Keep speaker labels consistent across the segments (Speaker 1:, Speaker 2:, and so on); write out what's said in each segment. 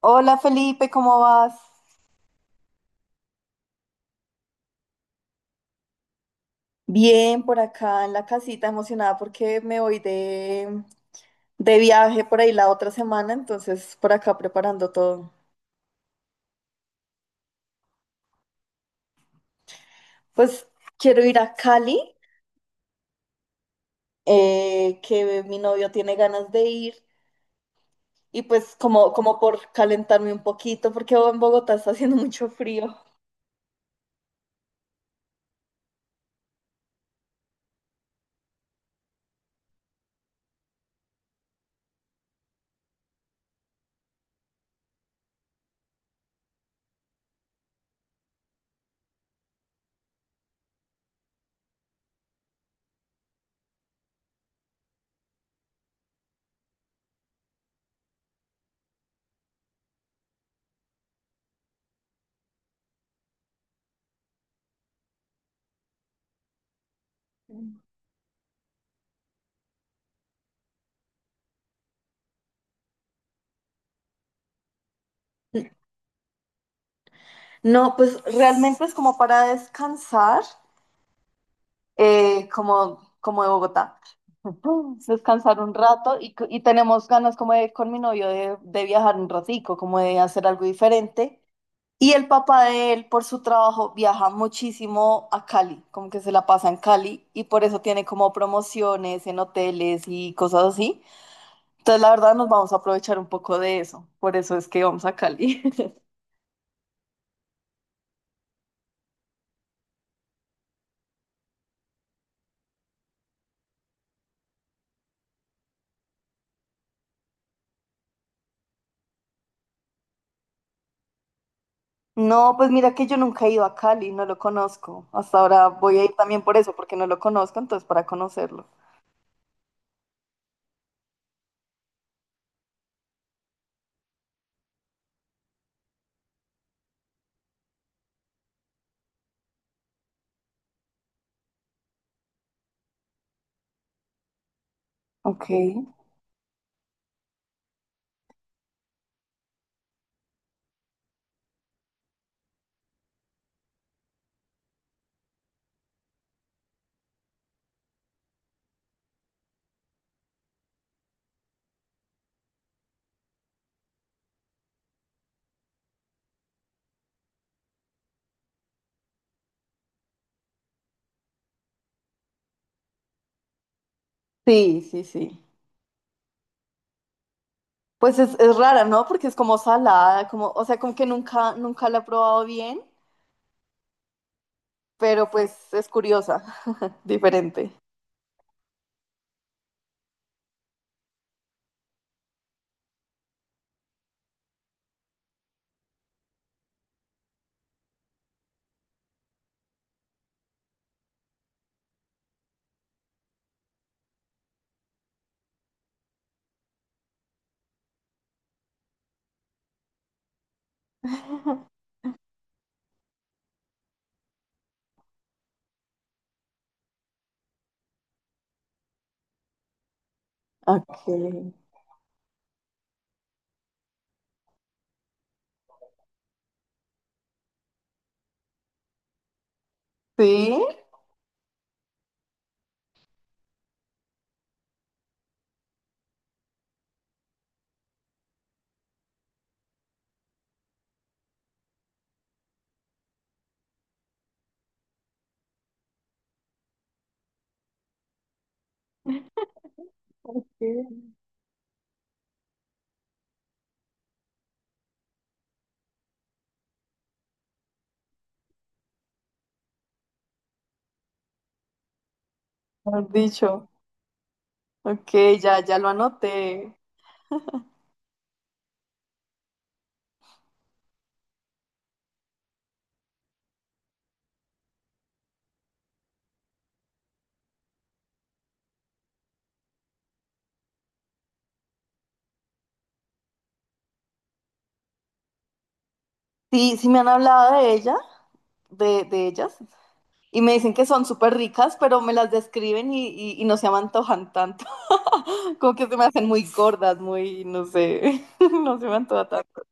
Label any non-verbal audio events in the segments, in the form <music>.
Speaker 1: Hola Felipe, ¿cómo vas? Bien, por acá en la casita, emocionada porque me voy de viaje por ahí la otra semana, entonces por acá preparando todo. Pues quiero ir a Cali, que mi novio tiene ganas de ir, y pues como por calentarme un poquito, porque en Bogotá está haciendo <laughs> mucho frío. No, pues realmente es como para descansar. Como de Bogotá. <laughs> Descansar un rato y y tenemos ganas como de con mi novio de viajar un ratico, como de hacer algo diferente. Y el papá de él, por su trabajo, viaja muchísimo a Cali, como que se la pasa en Cali y por eso tiene como promociones en hoteles y cosas así. Entonces, la verdad, nos vamos a aprovechar un poco de eso. Por eso es que vamos a Cali. <laughs> No, pues mira que yo nunca he ido a Cali, no lo conozco. Hasta ahora voy a ir también por eso, porque no lo conozco, entonces para conocerlo. Ok. Sí, sí, sí. Pues es rara, ¿no? Porque es como salada, como, o sea, como que nunca, nunca la he probado bien, pero pues es curiosa, <laughs> diferente. Ok. Sí. Ok. Mejor dicho. Ok, ya, ya lo anoté. Sí, sí me han hablado de ella, de ellas. Y me dicen que son súper ricas, pero me las describen y no se me antojan tanto. <laughs> Como que se me hacen muy gordas, muy, no sé, <laughs> no se me antoja tanto.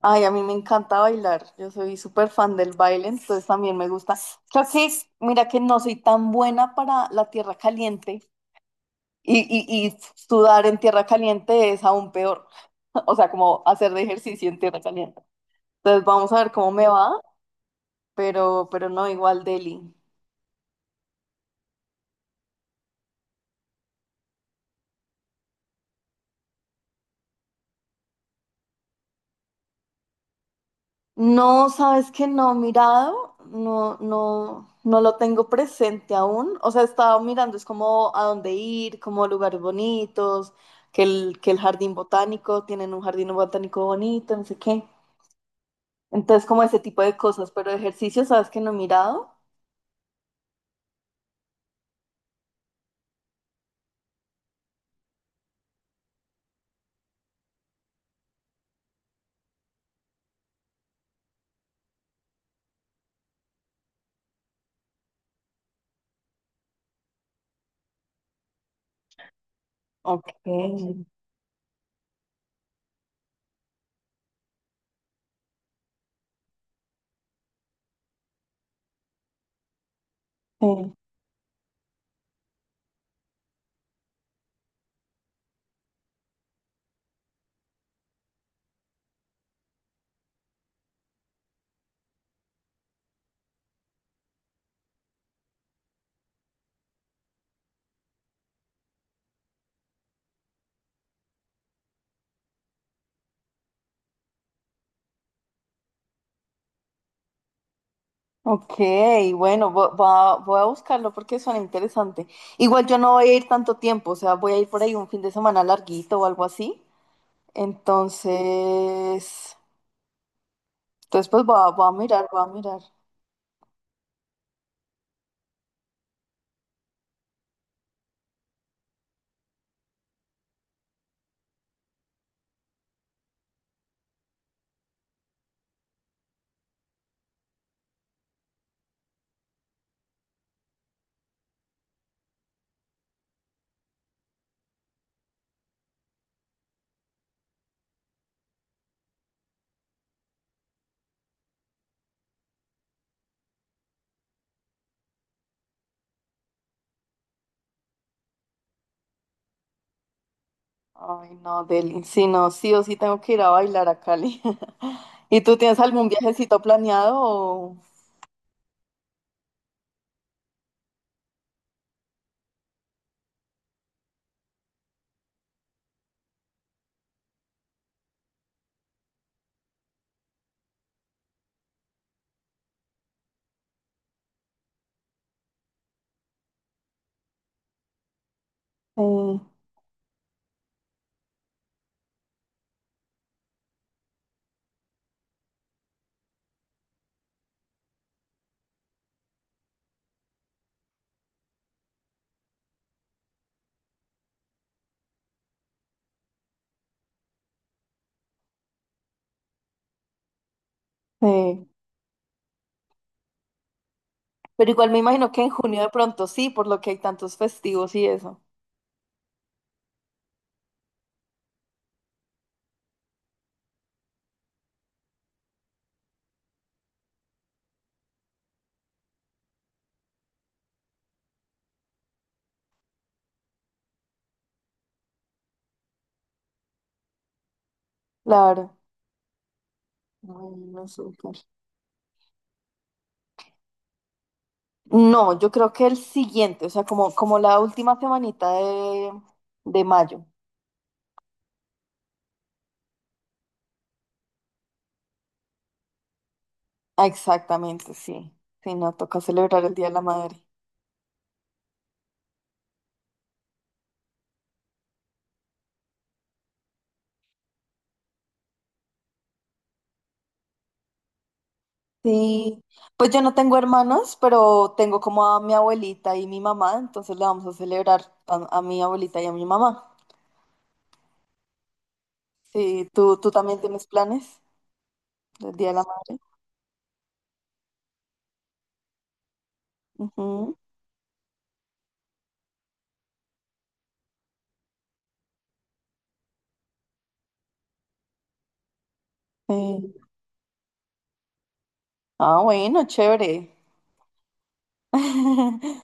Speaker 1: Ay, a mí me encanta bailar. Yo soy súper fan del baile, entonces también me gusta. Creo que, mira que no soy tan buena para la tierra caliente y sudar en tierra caliente es aún peor. <laughs> O sea, como hacer de ejercicio en tierra caliente. Entonces vamos a ver cómo me va, pero no, igual Delhi. No, sabes que no he mirado, no, no, no lo tengo presente aún. O sea, he estado mirando, es como a dónde ir, como lugares bonitos, que el jardín botánico, tienen un jardín botánico bonito, no sé qué. Entonces, como ese tipo de cosas, pero ejercicio, sabes que no he mirado. Ok, sí. Ok, bueno, voy a buscarlo porque suena interesante. Igual yo no voy a ir tanto tiempo, o sea, voy a ir por ahí un fin de semana larguito o algo así. Entonces, pues voy a mirar, voy a mirar. Ay, no, Deli. Si no, sí o sí tengo que ir a bailar a Cali. <laughs> ¿Y tú tienes algún viajecito planeado? O... Sí, sí. Pero igual me imagino que en junio de pronto sí, por lo que hay tantos festivos y eso. Claro. Bueno, súper. No, yo creo que el siguiente, o sea, como, como la última semanita de mayo. Ah, exactamente, sí. Sí, no, toca celebrar el Día de la Madre. Sí, pues yo no tengo hermanos, pero tengo como a mi abuelita y mi mamá, entonces le vamos a celebrar a mi abuelita y a mi mamá. Sí, ¿tú, tú también tienes planes del Día de la Madre? Ujú, sí. Ah, bueno, chévere. <laughs>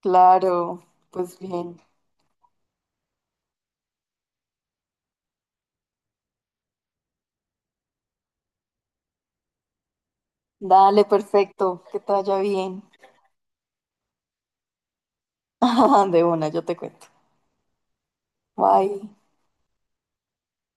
Speaker 1: Claro, pues bien. Dale, perfecto, que te vaya bien. <laughs> De una, yo te cuento. Bye.